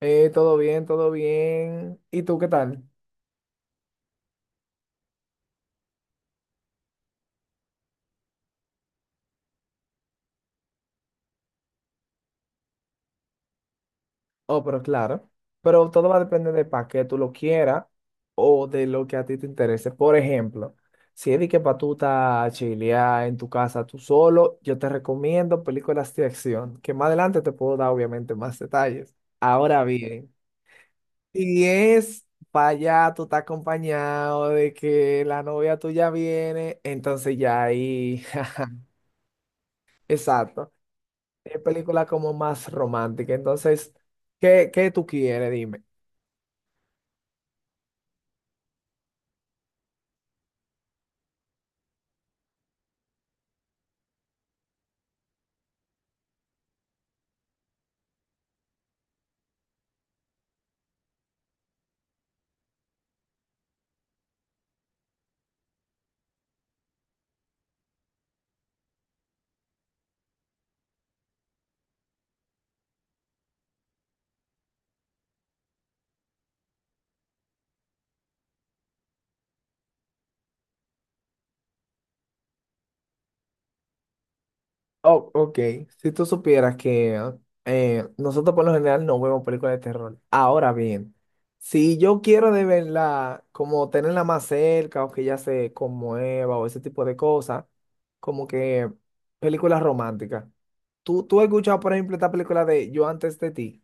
Todo bien, todo bien. ¿Y tú qué tal? Oh, pero claro. Pero todo va a depender de para qué tú lo quieras o de lo que a ti te interese. Por ejemplo, si es de que para tú estás chilear en tu casa tú solo, yo te recomiendo películas de acción, que más adelante te puedo dar obviamente más detalles. Ahora bien, si es para allá tú estás acompañado de que la novia tuya viene, entonces ya ahí... Exacto. Es película como más romántica. Entonces, ¿qué tú quieres? Dime. Oh, ok. Si tú supieras que nosotros por lo general no vemos películas de terror. Ahora bien, si yo quiero de verla, como tenerla más cerca o que ella se conmueva o ese tipo de cosas, como que películas románticas. ¿Tú has escuchado, por ejemplo, esta película de Yo antes de ti?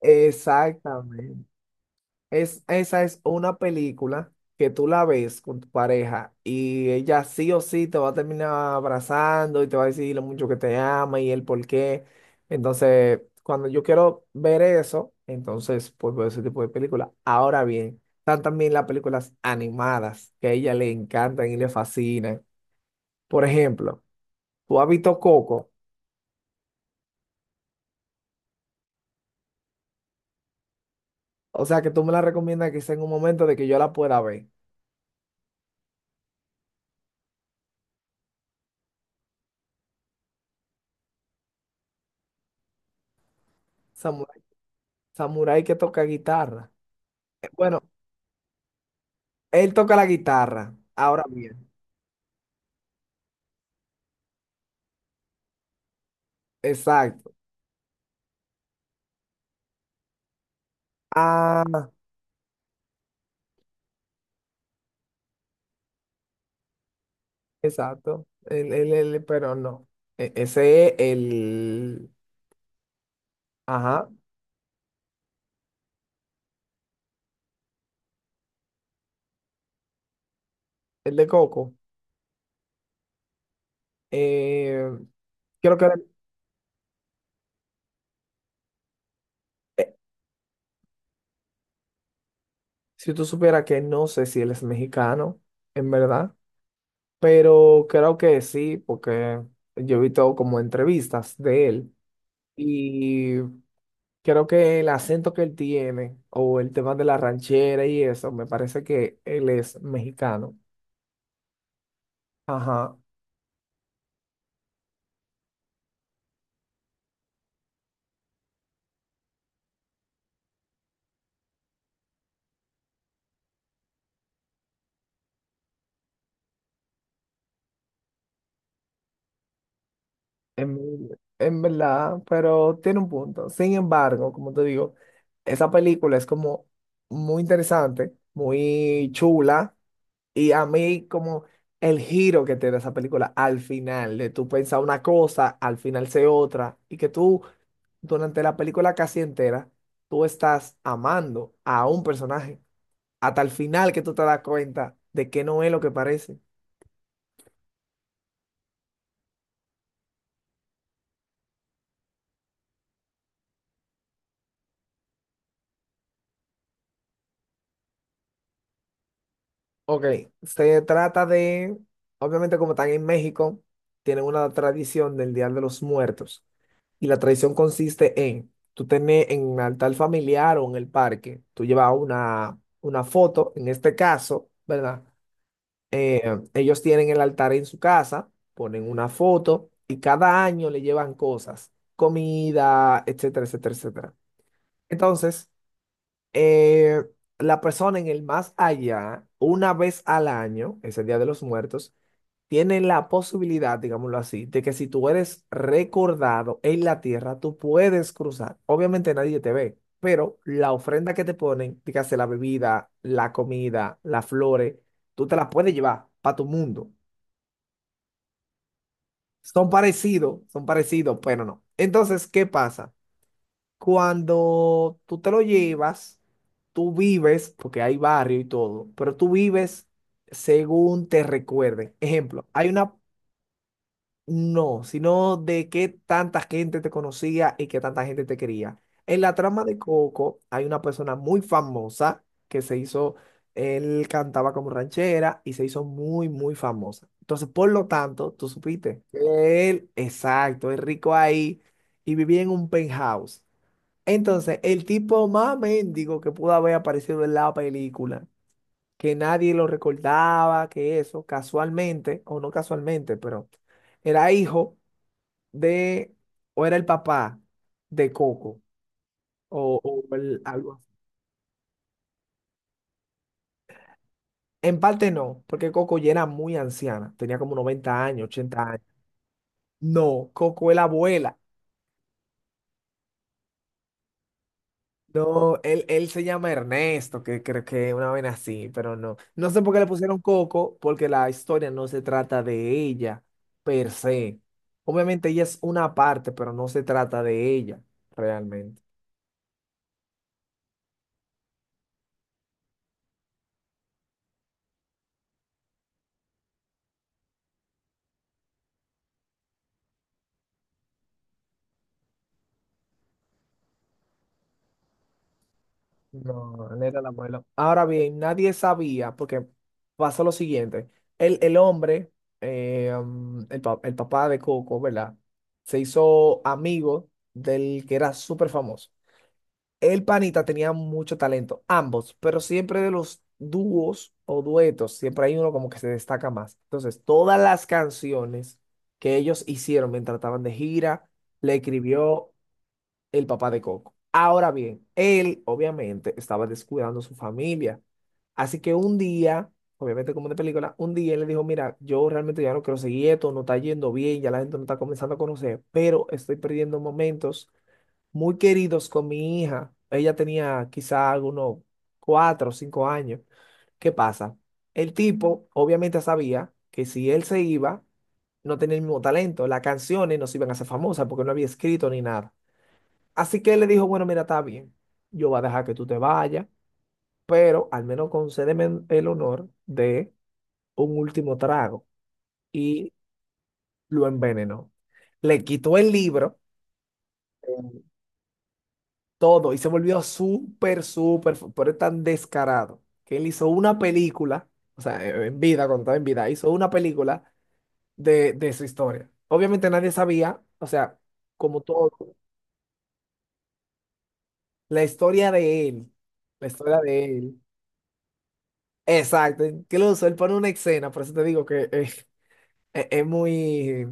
Exactamente. Esa es una película que tú la ves con tu pareja y ella sí o sí te va a terminar abrazando y te va a decir lo mucho que te ama y el por qué. Entonces, cuando yo quiero ver eso, entonces pues veo ese tipo de película. Ahora bien, están también las películas animadas que a ella le encantan y le fascinan. Por ejemplo, tú has visto Coco, o sea que tú me la recomiendas que sea en un momento de que yo la pueda ver. Samurai, samurái que toca guitarra. Bueno. Él toca la guitarra, ahora bien. Exacto. Ah, exacto. Él, pero no. Ese es el, ajá, el de Coco. Eh, creo que era- eh, si tú supieras que no sé si él es mexicano, en verdad, pero creo que sí, porque yo he visto como entrevistas de él y creo que el acento que él tiene o el tema de la ranchera y eso, me parece que él es mexicano. Ajá, en, en verdad, pero tiene un punto. Sin embargo, como te digo, esa película es como muy interesante, muy chula, y a mí como el giro que tiene esa película al final, de tú pensar una cosa, al final se otra, y que tú durante la película casi entera, tú estás amando a un personaje, hasta el final que tú te das cuenta de que no es lo que parece. Ok, se trata de, obviamente como están en México, tienen una tradición del Día de los Muertos y la tradición consiste en, tú tenés en un altar familiar o en el parque, tú llevas una foto, en este caso, ¿verdad? Eh, Ellos tienen el altar en su casa, ponen una foto y cada año le llevan cosas, comida, etcétera, etcétera, etcétera. Entonces eh, la persona en el más allá, una vez al año, ese Día de los Muertos, tiene la posibilidad, digámoslo así, de que si tú eres recordado en la tierra, tú puedes cruzar. Obviamente nadie te ve, pero la ofrenda que te ponen, dígase la bebida, la comida, las flores, tú te las puedes llevar para tu mundo. Son parecidos, pero no. Entonces, ¿qué pasa? Cuando tú te lo llevas, tú vives, porque hay barrio y todo, pero tú vives según te recuerden. Ejemplo, hay una, no, sino de qué tanta gente te conocía y qué tanta gente te quería. En la trama de Coco hay una persona muy famosa que se hizo, él cantaba como ranchera y se hizo muy, muy famosa. Entonces, por lo tanto, tú supiste que él, exacto, es rico ahí y vivía en un penthouse. Entonces, el tipo más mendigo que pudo haber aparecido en la película, que nadie lo recordaba, que eso, casualmente, o no casualmente, pero era hijo de, o era el papá de Coco, o, algo así. En parte no, porque Coco ya era muy anciana, tenía como 90 años, 80 años. No, Coco es la abuela. No, él se llama Ernesto, que creo que una vez así, pero no. No sé por qué le pusieron Coco, porque la historia no se trata de ella per se. Obviamente ella es una parte, pero no se trata de ella realmente. No, él era el abuelo. Ahora bien, nadie sabía, porque pasó lo siguiente. El hombre, el, el papá de Coco, ¿verdad? Se hizo amigo del que era súper famoso. El panita tenía mucho talento, ambos, pero siempre de los dúos o duetos, siempre hay uno como que se destaca más. Entonces, todas las canciones que ellos hicieron mientras estaban de gira, le escribió el papá de Coco. Ahora bien, él obviamente estaba descuidando su familia. Así que un día, obviamente como de película, un día él le dijo, mira, yo realmente ya no quiero seguir esto, no está yendo bien, ya la gente no está comenzando a conocer, pero estoy perdiendo momentos muy queridos con mi hija. Ella tenía quizá algunos cuatro o cinco años. ¿Qué pasa? El tipo obviamente sabía que si él se iba, no tenía el mismo talento. Las canciones no se iban a hacer famosas porque no había escrito ni nada. Así que él le dijo, bueno, mira, está bien, yo voy a dejar que tú te vayas, pero al menos concédeme el honor de un último trago. Y lo envenenó. Le quitó el libro. Todo y se volvió súper, súper, pero es tan descarado que él hizo una película, o sea, en vida, cuando estaba en vida, hizo una película de su historia. Obviamente nadie sabía, o sea, como todo, la historia de él, la historia de él. Exacto, incluso él pone una escena, por eso te digo que es muy,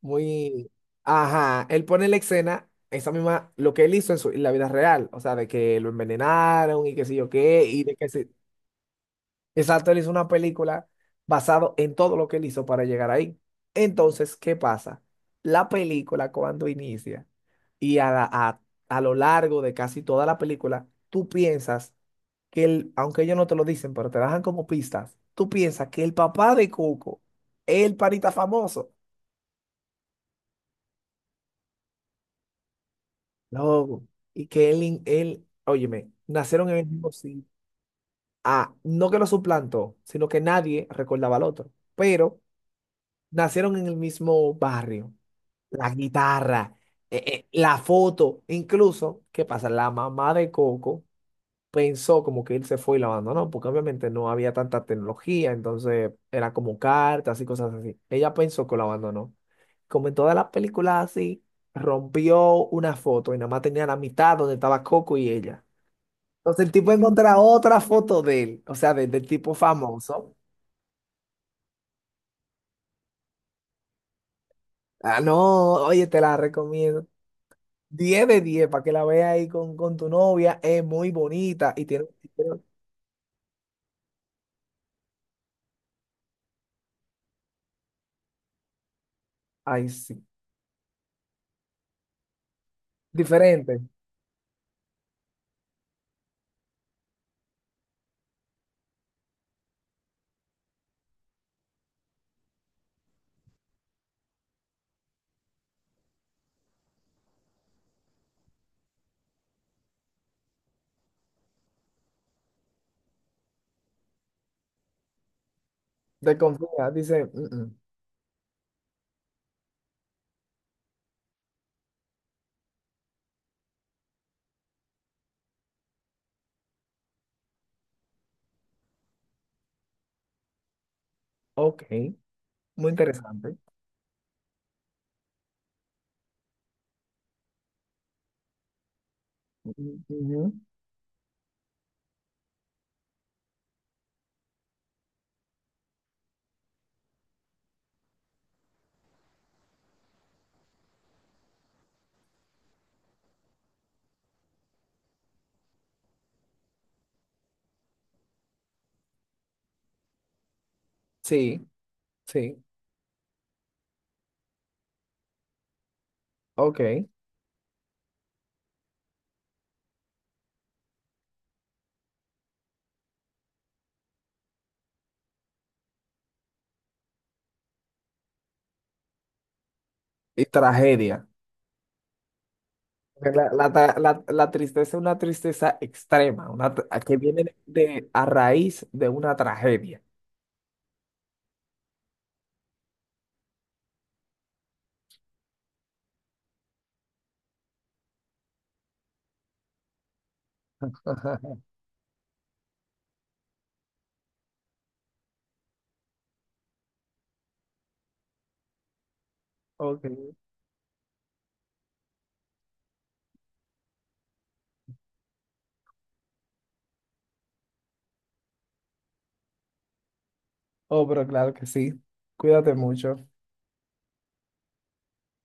muy, ajá, él pone la escena. Esa misma, lo que él hizo en, su, en la vida real, o sea, de que lo envenenaron y qué sé yo qué, y de que se, exacto, él hizo una película basado en todo lo que él hizo para llegar ahí. Entonces, ¿qué pasa? La película cuando inicia y a lo largo de casi toda la película, tú piensas que él, aunque ellos no te lo dicen, pero te dejan como pistas, tú piensas que el papá de Coco es el panita famoso, loco, y que él, él, óyeme, nacieron en el mismo sitio. Ah, no que lo suplantó, sino que nadie recordaba al otro, pero nacieron en el mismo barrio la guitarra, la foto, incluso, ¿qué pasa? La mamá de Coco pensó como que él se fue y lo abandonó, porque obviamente no había tanta tecnología, entonces era como cartas y cosas así. Ella pensó que lo abandonó. Como en todas las películas así, rompió una foto y nada más tenía la mitad donde estaba Coco y ella. Entonces el tipo encuentra otra foto de él, o sea, del tipo famoso. Ah, no, oye, te la recomiendo. 10 de 10 para que la veas ahí con tu novia. Es muy bonita y tiene un estilo- Ay, sí. Diferente. De confianza. Dice, "Mm, mm, ok. Muy interesante. Mm, ujú. Sí, sí. Ok. Y tragedia. Porque la tristeza es una tristeza extrema, una, que viene de, a raíz de una tragedia. Ajá. Ok. Oh, pero claro que sí. Cuídate mucho.